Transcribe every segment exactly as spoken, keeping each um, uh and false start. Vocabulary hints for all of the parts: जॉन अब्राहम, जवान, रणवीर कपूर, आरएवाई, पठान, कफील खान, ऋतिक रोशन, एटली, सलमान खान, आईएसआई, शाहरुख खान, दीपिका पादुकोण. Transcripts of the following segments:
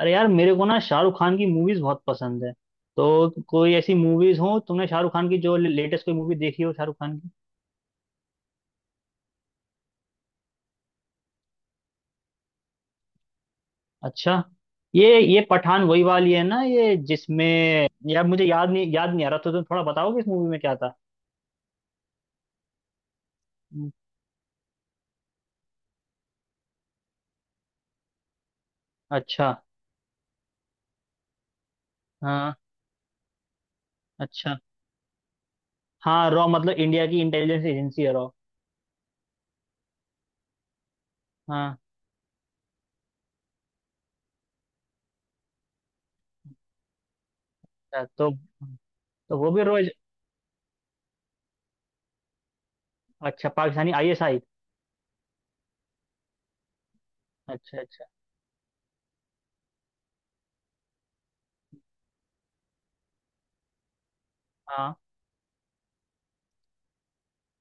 अरे यार, मेरे को ना शाहरुख खान की मूवीज बहुत पसंद है। तो कोई ऐसी मूवीज हो तुमने शाहरुख खान की, जो लेटेस्ट कोई मूवी देखी हो शाहरुख खान की? अच्छा। ये ये पठान वही वाली है ना, ये जिसमें? यार, मुझे याद नहीं, याद नहीं आ रहा। तो तुम थोड़ा बताओगे इस मूवी में क्या था? हम्म। अच्छा। हाँ। अच्छा। हाँ, रॉ मतलब इंडिया की इंटेलिजेंस एजेंसी है, रॉ। हाँ। अच्छा, तो। तो वो भी रॉ? अच्छा, पाकिस्तानी आईएसआई। अच्छा, अच्छा। हाँ।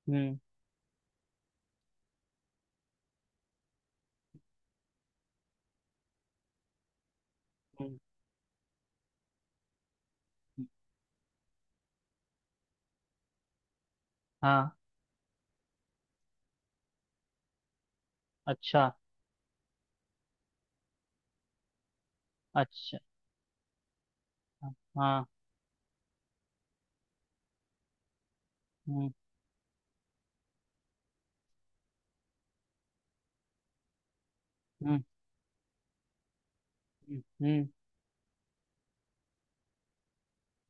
हम्म। हम्म। हम्म। हाँ। अच्छा, अच्छा। हाँ। हम्म। हम्म। हम्म।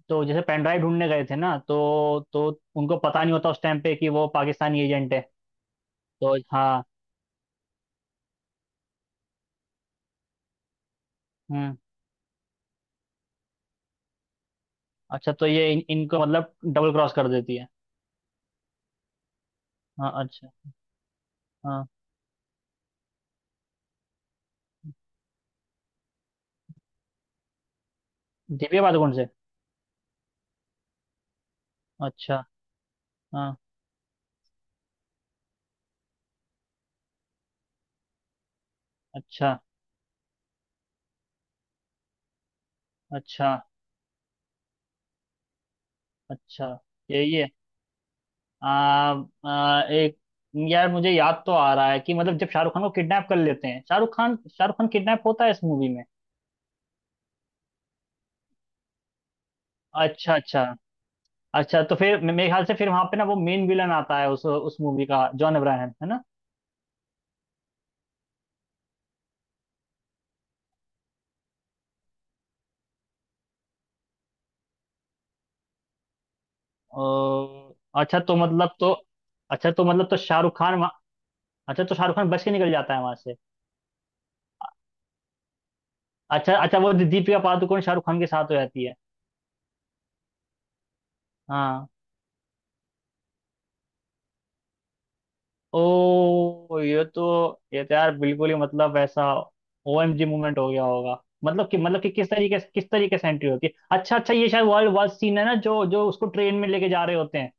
तो जैसे पेन ड्राइव ढूंढने गए थे ना, तो तो उनको पता नहीं होता उस टाइम पे कि वो पाकिस्तानी एजेंट है। तो हाँ। हम्म। अच्छा, तो ये इन, इनको मतलब डबल क्रॉस कर देती है। हाँ, अच्छा। हाँ। दीपिका पादुकोण से। अच्छा। हाँ। अच्छा, अच्छा, अच्छा। यही है। आ, आ, एक। यार, मुझे याद तो आ रहा है कि मतलब जब शाहरुख खान को किडनैप कर लेते हैं, शाहरुख खान शाहरुख खान किडनैप होता है इस मूवी में। अच्छा, अच्छा। अच्छा, तो फिर मे- मेरे ख्याल से फिर वहां पे ना वो मेन विलन आता है उस उस मूवी का, जॉन अब्राहम है ना? और। अच्छा, तो मतलब तो। अच्छा, तो मतलब तो शाहरुख खान वहाँ। अच्छा, तो शाहरुख खान बच के निकल जाता है वहां से। अच्छा, अच्छा, वो दीपिका पादुकोण शाहरुख खान के साथ हो जाती है। हाँ। ओ, ये तो। ये तो यार बिल्कुल ही मतलब ऐसा। ओएमजी मूवमेंट हो गया होगा, मतलब कि मतलब कि किस तरीके से किस तरीके से एंट्री होती है? अच्छा, अच्छा, ये शायद वर्ल्ड वार सीन है ना, जो जो उसको ट्रेन में लेके जा रहे होते हैं।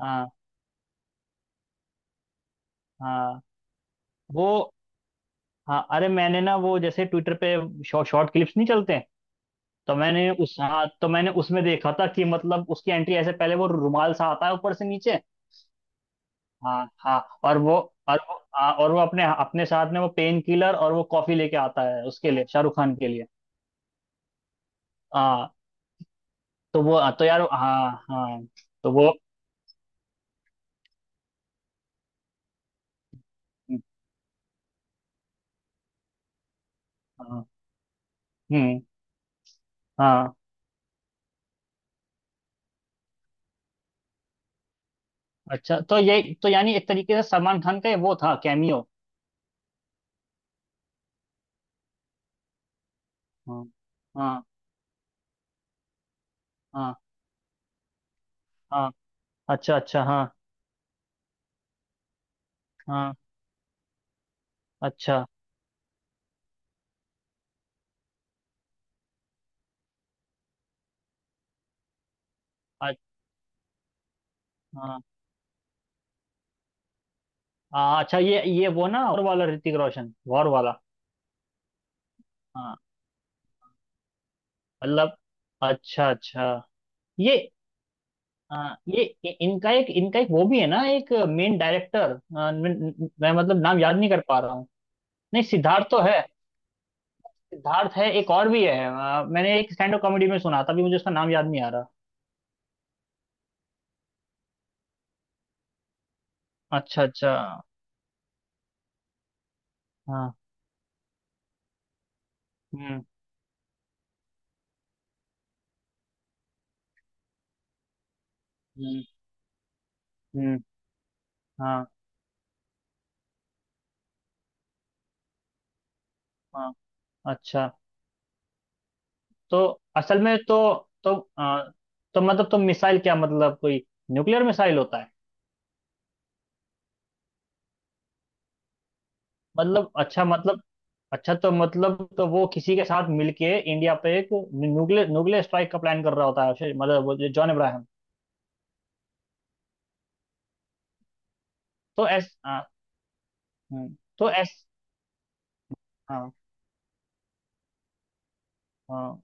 हाँ, हाँ। वो। हाँ, अरे मैंने ना वो जैसे ट्विटर पे शॉर्ट क्लिप्स नहीं चलते हैं? तो मैंने उस हाँ, तो मैंने उसमें देखा था कि मतलब उसकी एंट्री ऐसे, पहले वो रुमाल सा आता है ऊपर से नीचे। हाँ, हाँ, और वो। और वो। हाँ, और वो अपने अपने साथ में वो पेन किलर और वो कॉफी लेके आता है उसके लिए, शाहरुख खान के लिए। हाँ, तो वो। हाँ, तो यार, हाँ, हाँ। तो वो। हाँ। हम्म। हाँ। अच्छा, तो ये तो यानी एक तरीके से सलमान खान का ये वो था, कैमियो। हाँ, हाँ, हाँ, हाँ। अच्छा, अच्छा, हाँ। हाँ। अच्छा। हाँ, हाँ, अच्छा, ये ये वो ना और वाला ऋतिक रोशन, वॉर वाला। हाँ। मतलब। अच्छा, अच्छा। ये। हाँ, ये इ- इनका एक इनका एक वो भी है ना, एक मेन डायरेक्टर, मैं मैं मतलब नाम याद नहीं कर पा रहा हूँ। नहीं, सिद्धार्थ तो है। सिद्धार्थ है, एक और भी है, अ, मैंने एक स्टैंड अप कॉमेडी में सुना था, अभी मुझे उसका नाम याद नहीं आ रहा। अच्छा, अच्छा। हाँ। हम्म। हम्म। हम्म। हाँ, हाँ। अच्छा, तो। असल में तो। तो अ, तो मतलब तो मिसाइल क्या मतलब, कोई न्यूक्लियर मिसाइल होता है? मतलब, अच्छा, मतलब। अच्छा, तो मतलब तो वो किसी के साथ मिलके इंडिया पे एक न्यूक्लियर न्यूक्लियर स्ट्राइक का प्लान कर रहा होता है, शे- मतलब वो जो जॉन अब्राहम। तो एस, हाँ। हम्म, तो एस। हाँ हाँ।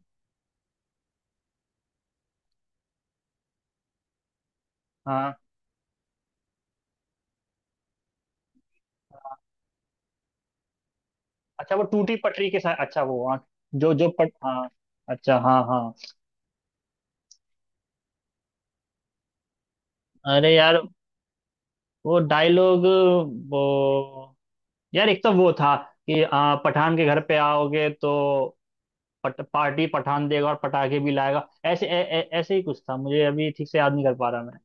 हाँ। अच्छा, वो टूटी पटरी के साथ, अच्छा, वो हाँ। जो जो पट हाँ। अच्छा, हाँ, हाँ। अरे यार, वो डायलॉग, वो यार एक तो वो था कि आ, पठान के घर पे आओगे तो पट, पार्टी पठान देगा और पटाखे भी लाएगा, ऐसे ऐ- ऐ- ऐसे ही कुछ था, मुझे अभी ठीक से याद नहीं कर पा रहा मैं।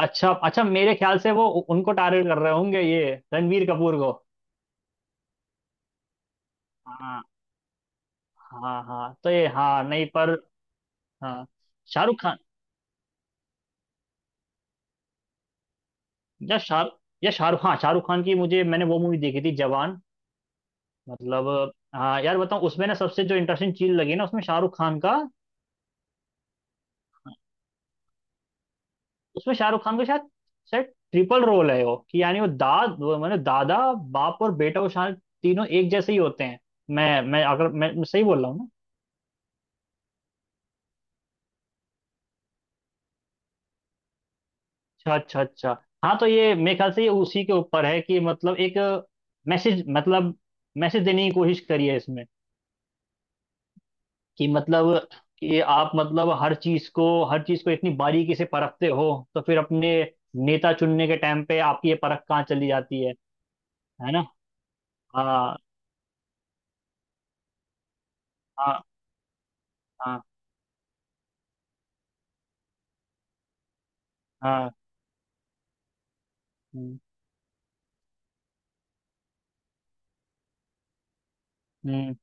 अच्छा, अच्छा, मेरे ख्याल से वो उ- उनको टारगेट कर रहे होंगे, ये रणवीर कपूर को। हाँ, हाँ, हाँ, तो ये, हाँ, नहीं पर। हाँ, शाहरुख खान। या शाह। या शाहरुख, हाँ, शाहरुख खान की मुझे मैंने वो मूवी देखी थी, जवान। मतलब हाँ यार, बताऊँ, उसमें ना सबसे जो इंटरेस्टिंग चीज लगी ना, उसमें शाहरुख खान का। उसमें शाहरुख खान का शायद। शायद ट्रिपल रोल है वो, कि यानी वो दाद वो मतलब दादा। बाप और बेटा, वो शायद तीनों एक जैसे ही होते हैं। मैं मैं अगर मैं मैं सही बोल रहा हूँ। अच्छा, अच्छा, अच्छा। हाँ, तो ये मेरे ख्याल से ये उसी के ऊपर है कि मतलब एक। मैसेज मतलब। मैसेज देने की कोशिश करी है इसमें। कि मतलब। कि आप मतलब हर चीज को हर चीज को इतनी बारीकी से परखते हो। तो फिर अपने। नेता चुनने के टाइम पे आपकी ये परख कहाँ चली जाती है? है ना? हाँ, हाँ, हाँ, हाँ। हम्म। हम्म।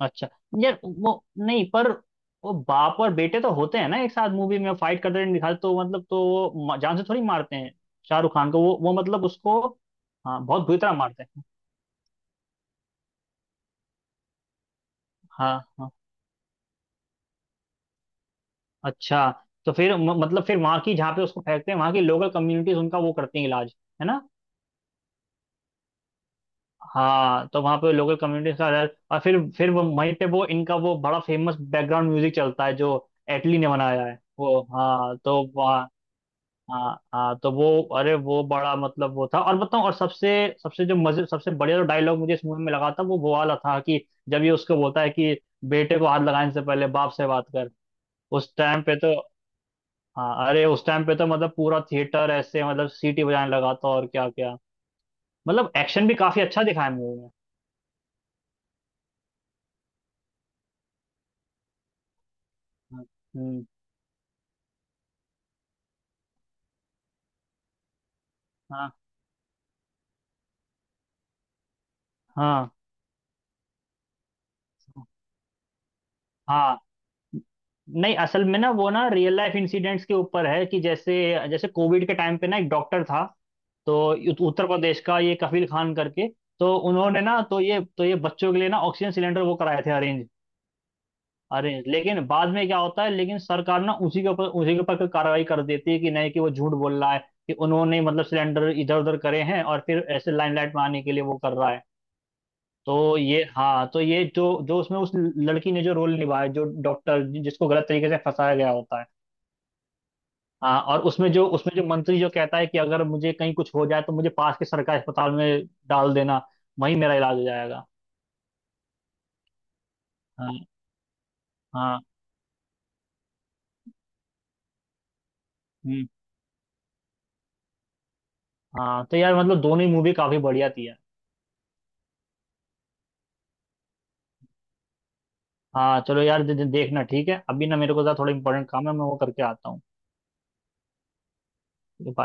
अच्छा। यार, वो नहीं पर। वो बाप और बेटे तो होते हैं ना, एक साथ मूवी में फाइट करते हुए दिखाते, तो मतलब तो वो म- जान से थोड़ी मारते हैं। शाहरुख खान को वो वो मतलब उसको। हाँ, बहुत बुरी तरह मारते हैं। हाँ, हाँ। अच्छा, तो फिर म- मतलब फिर वहां की, जहाँ पे उसको फेंकते हैं, वहां की लोकल कम्युनिटीज उनका वो करती हैं, इलाज। है ना? हाँ, तो वहां पे लोकल कम्युनिटीज का इलाज, और फिर फिर वो वहीं पे वो इनका वो बड़ा फेमस बैकग्राउंड म्यूजिक चलता है जो एटली ने बनाया है वो, हाँ, तो वहाँ। हाँ, हाँ, तो वो। अरे वो बड़ा मतलब वो था, और बताऊं, और सबसे। सबसे जो मजे सबसे बढ़िया जो डायलॉग मुझे इस मूवी में लगा था, वो वो वाला था कि जब ये उसको बोलता है कि बेटे को हाथ लगाने से पहले बाप से बात कर। उस टाइम पे तो। हाँ, अरे उस टाइम पे तो मतलब पूरा थिएटर ऐसे मतलब सीटी बजाने लगा था, और क्या क्या। मतलब एक्शन भी काफी अच्छा दिखाया मूवी में। हाँ, हम्म। हाँ, हाँ, हाँ। नहीं, असल में ना वो ना रियल लाइफ इंसिडेंट्स के ऊपर है, कि जैसे जैसे कोविड के टाइम पे ना एक डॉक्टर था। तो उत- उत्तर प्रदेश का ये कफील खान करके, तो उन्होंने ना, तो ये तो ये बच्चों के लिए ना ऑक्सीजन सिलेंडर वो कराए थे अरेंज। अरेंज, लेकिन बाद में क्या होता है, लेकिन सरकार ना उसी के ऊपर उसी के ऊपर कोई कार्रवाई कर देती है कि नहीं, कि वो झूठ बोल रहा है कि उन्होंने मतलब सिलेंडर इधर उधर करे हैं और फिर ऐसे लाइमलाइट में आने के लिए वो कर रहा है। तो ये हाँ, तो ये जो जो उसमें उस लड़की ने जो रोल निभाया, जो डॉक्टर जिसको गलत तरीके से फंसाया गया होता है। हाँ, और उसमें जो उसमें जो मंत्री जो कहता है कि अगर मुझे कहीं कुछ हो जाए तो मुझे पास के सरकारी अस्पताल में डाल देना, वहीं मेरा इलाज हो जाएगा। हाँ, हाँ, हम्म। हाँ, तो यार मतलब दोनों ही मूवी काफी बढ़िया थी यार। हाँ, चलो यार, दे, दे- देखना ठीक है, अभी ना मेरे को जरा थोड़ा इंपॉर्टेंट काम है, मैं वो करके आता हूँ।